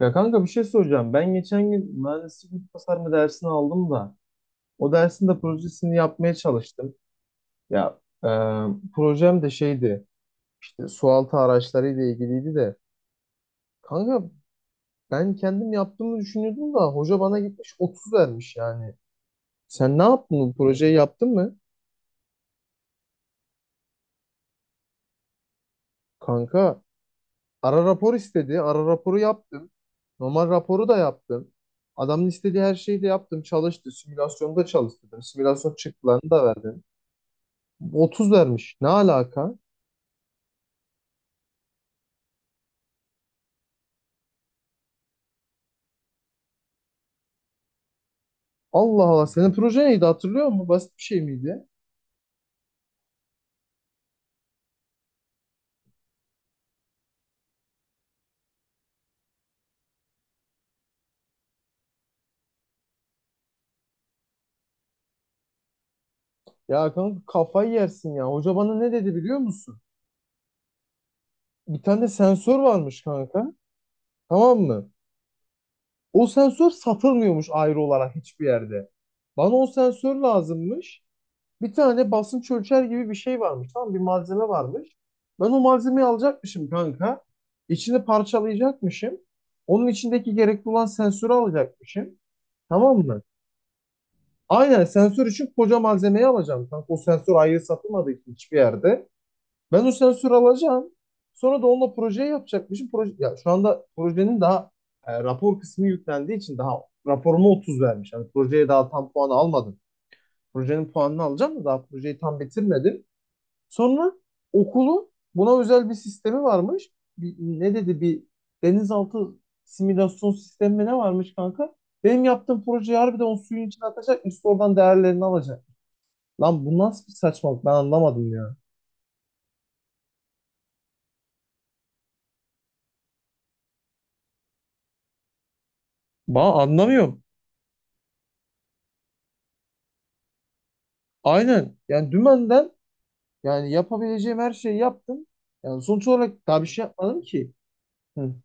Ya kanka bir şey soracağım. Ben geçen gün mühendislik ve tasarımı dersini aldım da o dersin de projesini yapmaya çalıştım. Ya e, projem de şeydi, işte sualtı araçlarıyla ilgiliydi de kanka, ben kendim yaptığımı düşünüyordum da hoca bana gitmiş 30 vermiş yani. Sen ne yaptın, bu projeyi yaptın mı? Kanka ara rapor istedi. Ara raporu yaptım. Normal raporu da yaptım. Adamın istediği her şeyi de yaptım. Çalıştı. Simülasyonda çalıştırdım. Simülasyon çıktılarını da verdim. 30 vermiş. Ne alaka? Allah Allah, senin proje neydi, hatırlıyor musun? Basit bir şey miydi? Ya kanka, kafayı yersin ya. Hoca bana ne dedi biliyor musun? Bir tane sensör varmış kanka. Tamam mı? O sensör satılmıyormuş ayrı olarak hiçbir yerde. Bana o sensör lazımmış. Bir tane basınç ölçer gibi bir şey varmış. Tamam mı? Bir malzeme varmış. Ben o malzemeyi alacakmışım kanka. İçini parçalayacakmışım. Onun içindeki gerekli olan sensörü alacakmışım. Tamam mı? Aynen, sensör için koca malzemeyi alacağım. Kanka o sensör ayrı satılmadı hiçbir yerde. Ben o sensörü alacağım. Sonra da onunla projeyi yapacakmışım. Proje, ya şu anda projenin daha rapor kısmı yüklendiği için daha raporuma 30 vermiş. Yani projeye daha tam puanı almadım. Projenin puanını alacağım da daha projeyi tam bitirmedim. Sonra okulun buna özel bir sistemi varmış. Ne dedi, bir denizaltı simülasyon sistemi mi ne varmış kanka? Benim yaptığım projeyi harbiden o suyun içine atacakmış. Oradan değerlerini alacak. Lan bu nasıl bir saçmalık, ben anlamadım ya. Ba anlamıyorum. Aynen. Yani dümenden, yani yapabileceğim her şeyi yaptım. Yani sonuç olarak daha bir şey yapmadım ki. Hı.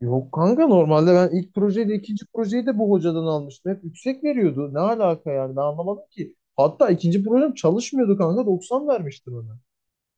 Yok kanka, normalde ben ilk projeyle ikinci projeyi de bu hocadan almıştım. Hep yüksek veriyordu. Ne alaka yani, ben anlamadım ki. Hatta ikinci projem çalışmıyordu kanka, 90 vermişti bana.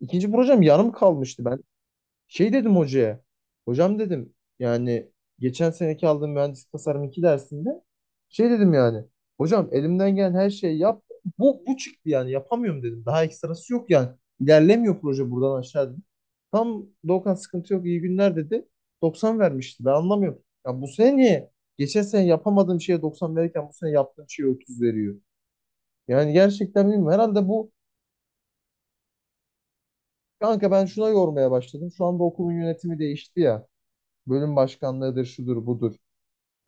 İkinci projem yarım kalmıştı. Ben şey dedim hocaya. Hocam dedim, yani geçen seneki aldığım mühendislik tasarım 2 dersinde şey dedim yani. Hocam, elimden gelen her şeyi yap. Bu çıktı, yani yapamıyorum dedim. Daha ekstrası yok yani. İlerlemiyor proje buradan aşağı dedim. Tam Doğukan, sıkıntı yok, iyi günler dedi. Doksan vermişti, ben anlamıyorum. Ya bu sene niye? Geçen sene yapamadığım şeye 90 verirken bu sene yaptığım şeye 30 veriyor. Yani gerçekten bilmiyorum. Herhalde bu, kanka ben şuna yormaya başladım. Şu anda okulun yönetimi değişti ya. Bölüm başkanlığıdır, şudur, budur.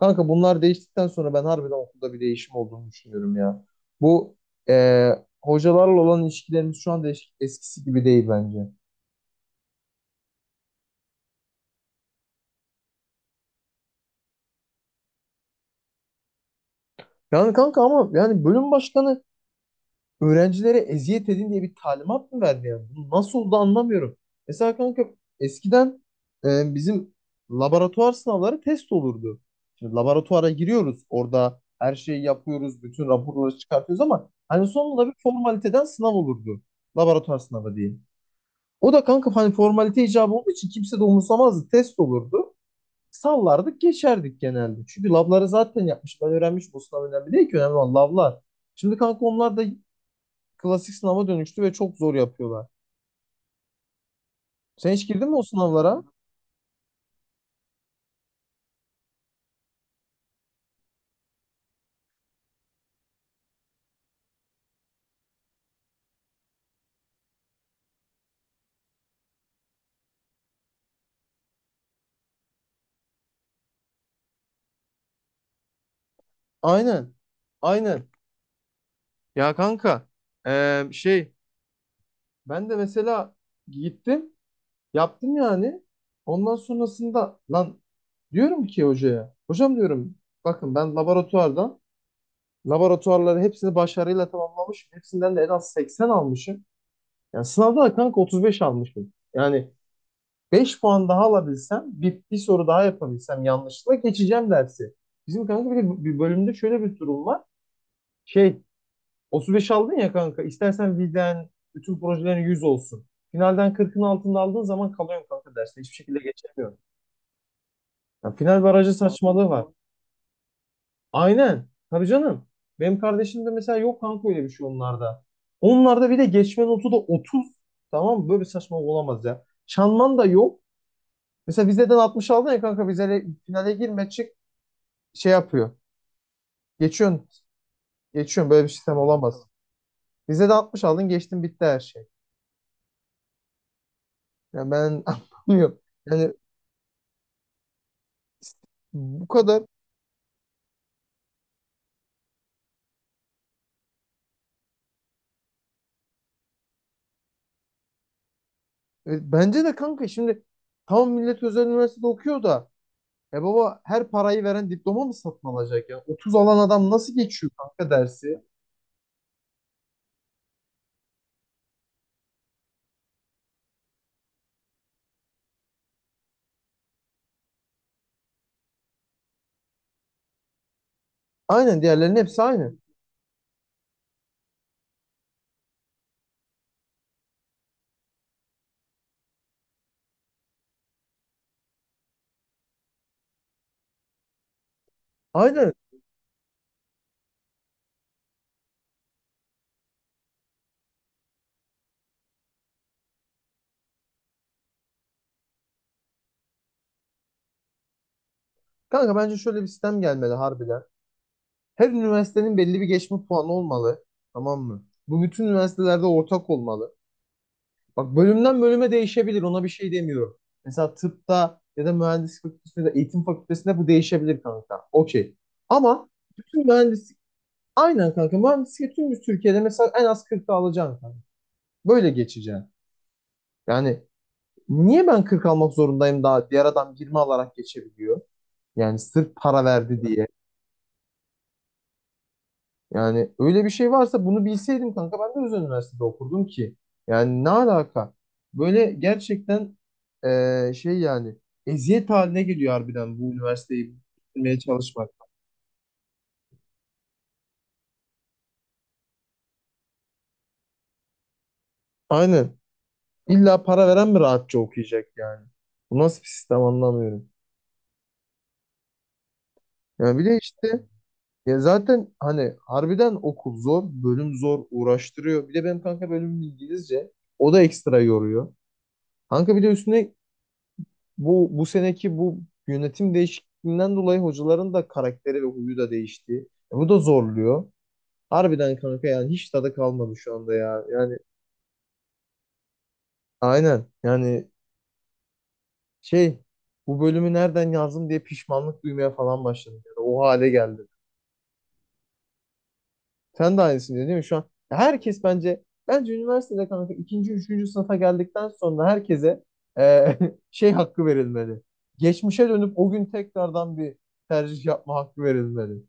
Kanka bunlar değiştikten sonra ben harbiden okulda bir değişim olduğunu düşünüyorum ya. Bu e, hocalarla olan ilişkilerimiz şu anda eskisi gibi değil bence. Yani kanka ama yani, bölüm başkanı öğrencilere eziyet edin diye bir talimat mı verdi yani? Bu nasıl oldu anlamıyorum. Mesela kanka, eskiden bizim laboratuvar sınavları test olurdu. Şimdi laboratuvara giriyoruz. Orada her şeyi yapıyoruz. Bütün raporları çıkartıyoruz ama hani sonunda bir formaliteden sınav olurdu. Laboratuvar sınavı diyeyim. O da kanka, hani formalite icabı olduğu için kimse de umursamazdı. Test olurdu. Sallardık geçerdik genelde. Çünkü labları zaten yapmış. Ben öğrenmiş, bu sınav önemli değil ki. Önemli olan lablar. Şimdi kanka onlar da klasik sınava dönüştü ve çok zor yapıyorlar. Sen hiç girdin mi o sınavlara? Aynen. Aynen. Ya kanka eee, şey ben de mesela gittim, yaptım yani. Ondan sonrasında lan, diyorum ki hocaya. Hocam diyorum, bakın ben laboratuvarları hepsini başarıyla tamamlamışım. Hepsinden de en az 80 almışım. Yani sınavda da kanka 35 almışım. Yani beş puan daha alabilsem, bir soru daha yapabilsem yanlışlıkla geçeceğim dersi. Bizim kanka bir bölümde şöyle bir durum var. Şey, 35 aldın ya kanka, istersen viden bütün projelerin 100 olsun. Finalden kırkın altında aldığın zaman kalıyorsun kanka derste. Hiçbir şekilde geçemiyorum. Ya final barajı saçmalığı var. Aynen. Tabii canım. Benim kardeşim de mesela, yok kanka öyle bir şey onlarda. Onlarda bir de geçme notu da otuz. Tamam mı? Böyle bir saçmalık olamaz ya. Çanman da yok. Mesela vizeden 60 aldın ya kanka, vizele, finale girme çık. Şey yapıyor. Geçiyorsun. Geçiyorsun. Böyle bir sistem olamaz. Bize de 60 aldın, geçtin, bitti her şey. Yani ben anlamıyorum. Yani bu kadar. Bence de kanka, şimdi tam millet özel üniversitede okuyor da, e baba her parayı veren diploma mı satın alacak ya? Otuz alan adam nasıl geçiyor kanka dersi? Aynen, diğerlerinin hepsi aynı. Aynen. Kanka bence şöyle bir sistem gelmeli harbiden. Her üniversitenin belli bir geçme puanı olmalı. Tamam mı? Bu bütün üniversitelerde ortak olmalı. Bak, bölümden bölüme değişebilir. Ona bir şey demiyorum. Mesela tıpta ya da mühendislik fakültesinde ya da eğitim fakültesinde bu değişebilir kanka. Okey. Ama bütün mühendislik aynen kanka. Mühendislik, tüm bir Türkiye'de mesela en az 40 alacaksın kanka. Böyle geçeceksin. Yani niye ben 40 almak zorundayım daha, diğer adam 20 alarak geçebiliyor? Yani sırf para verdi diye. Yani öyle bir şey varsa bunu bilseydim kanka, ben de Özel Üniversitede okurdum ki. Yani ne alaka? Böyle gerçekten şey yani, eziyet haline geliyor harbiden bu üniversiteyi bitirmeye çalışmak. Aynen. İlla para veren mi rahatça okuyacak yani? Bu nasıl bir sistem, anlamıyorum. Yani bir de işte, ya zaten hani harbiden okul zor, bölüm zor, uğraştırıyor. Bir de benim kanka bölümüm İngilizce. O da ekstra yoruyor. Kanka bir de üstüne bu seneki yönetim değişikliğinden dolayı hocaların da karakteri ve huyu da değişti. E, bu da zorluyor. Harbiden kanka, yani hiç tadı kalmadı şu anda ya. Yani aynen yani, şey, bu bölümü nereden yazdım diye pişmanlık duymaya falan başladım. Yani o hale geldim. Sen de aynısın değil mi şu an? Ya herkes bence üniversitede kanka, ikinci, üçüncü sınıfa geldikten sonra herkese e, şey hakkı verilmeli. Geçmişe dönüp o gün tekrardan bir tercih yapma hakkı verilmeli.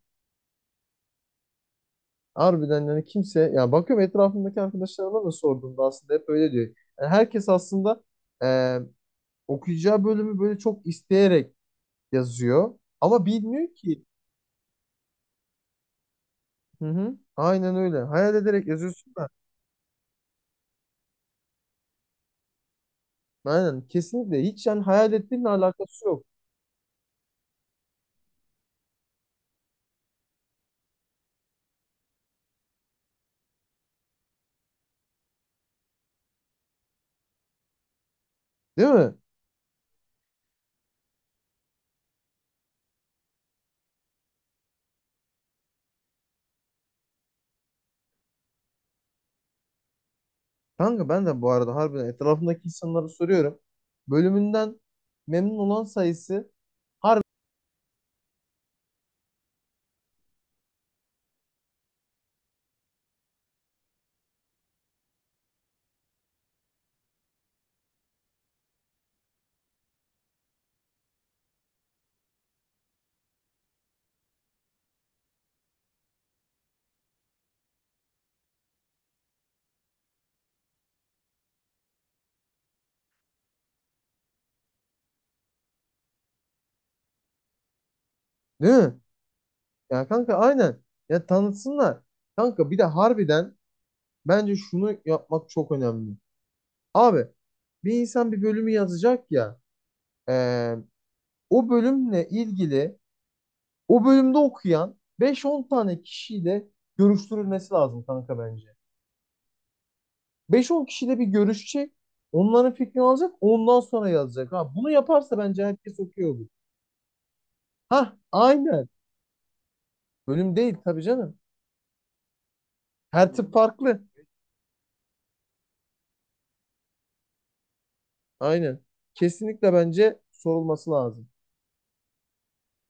Harbiden yani kimse, ya bakıyorum etrafımdaki arkadaşlarıma da sorduğumda aslında hep öyle diyor. Yani herkes aslında e, okuyacağı bölümü böyle çok isteyerek yazıyor ama bilmiyor ki. Hı hı. Aynen öyle. Hayal ederek yazıyorsun da. Aynen, kesinlikle, hiç yani hayal ettiğinle alakası yok. Değil mi? Kanka ben de bu arada harbiden etrafımdaki insanlara soruyorum. Bölümünden memnun olan sayısı değil mi? Ya kanka aynen. Ya tanıtsınlar. Kanka bir de harbiden, bence şunu yapmak çok önemli. Abi bir insan bir bölümü yazacak ya, eee, o bölümle ilgili, o bölümde okuyan 5-10 tane kişiyle görüştürülmesi lazım kanka bence. 5-10 kişiyle bir görüşecek. Onların fikrini alacak. Ondan sonra yazacak. Ha, bunu yaparsa bence herkes okuyor olur. Ha, aynen. Bölüm değil tabii canım. Her tip farklı. Aynen. Kesinlikle bence sorulması lazım.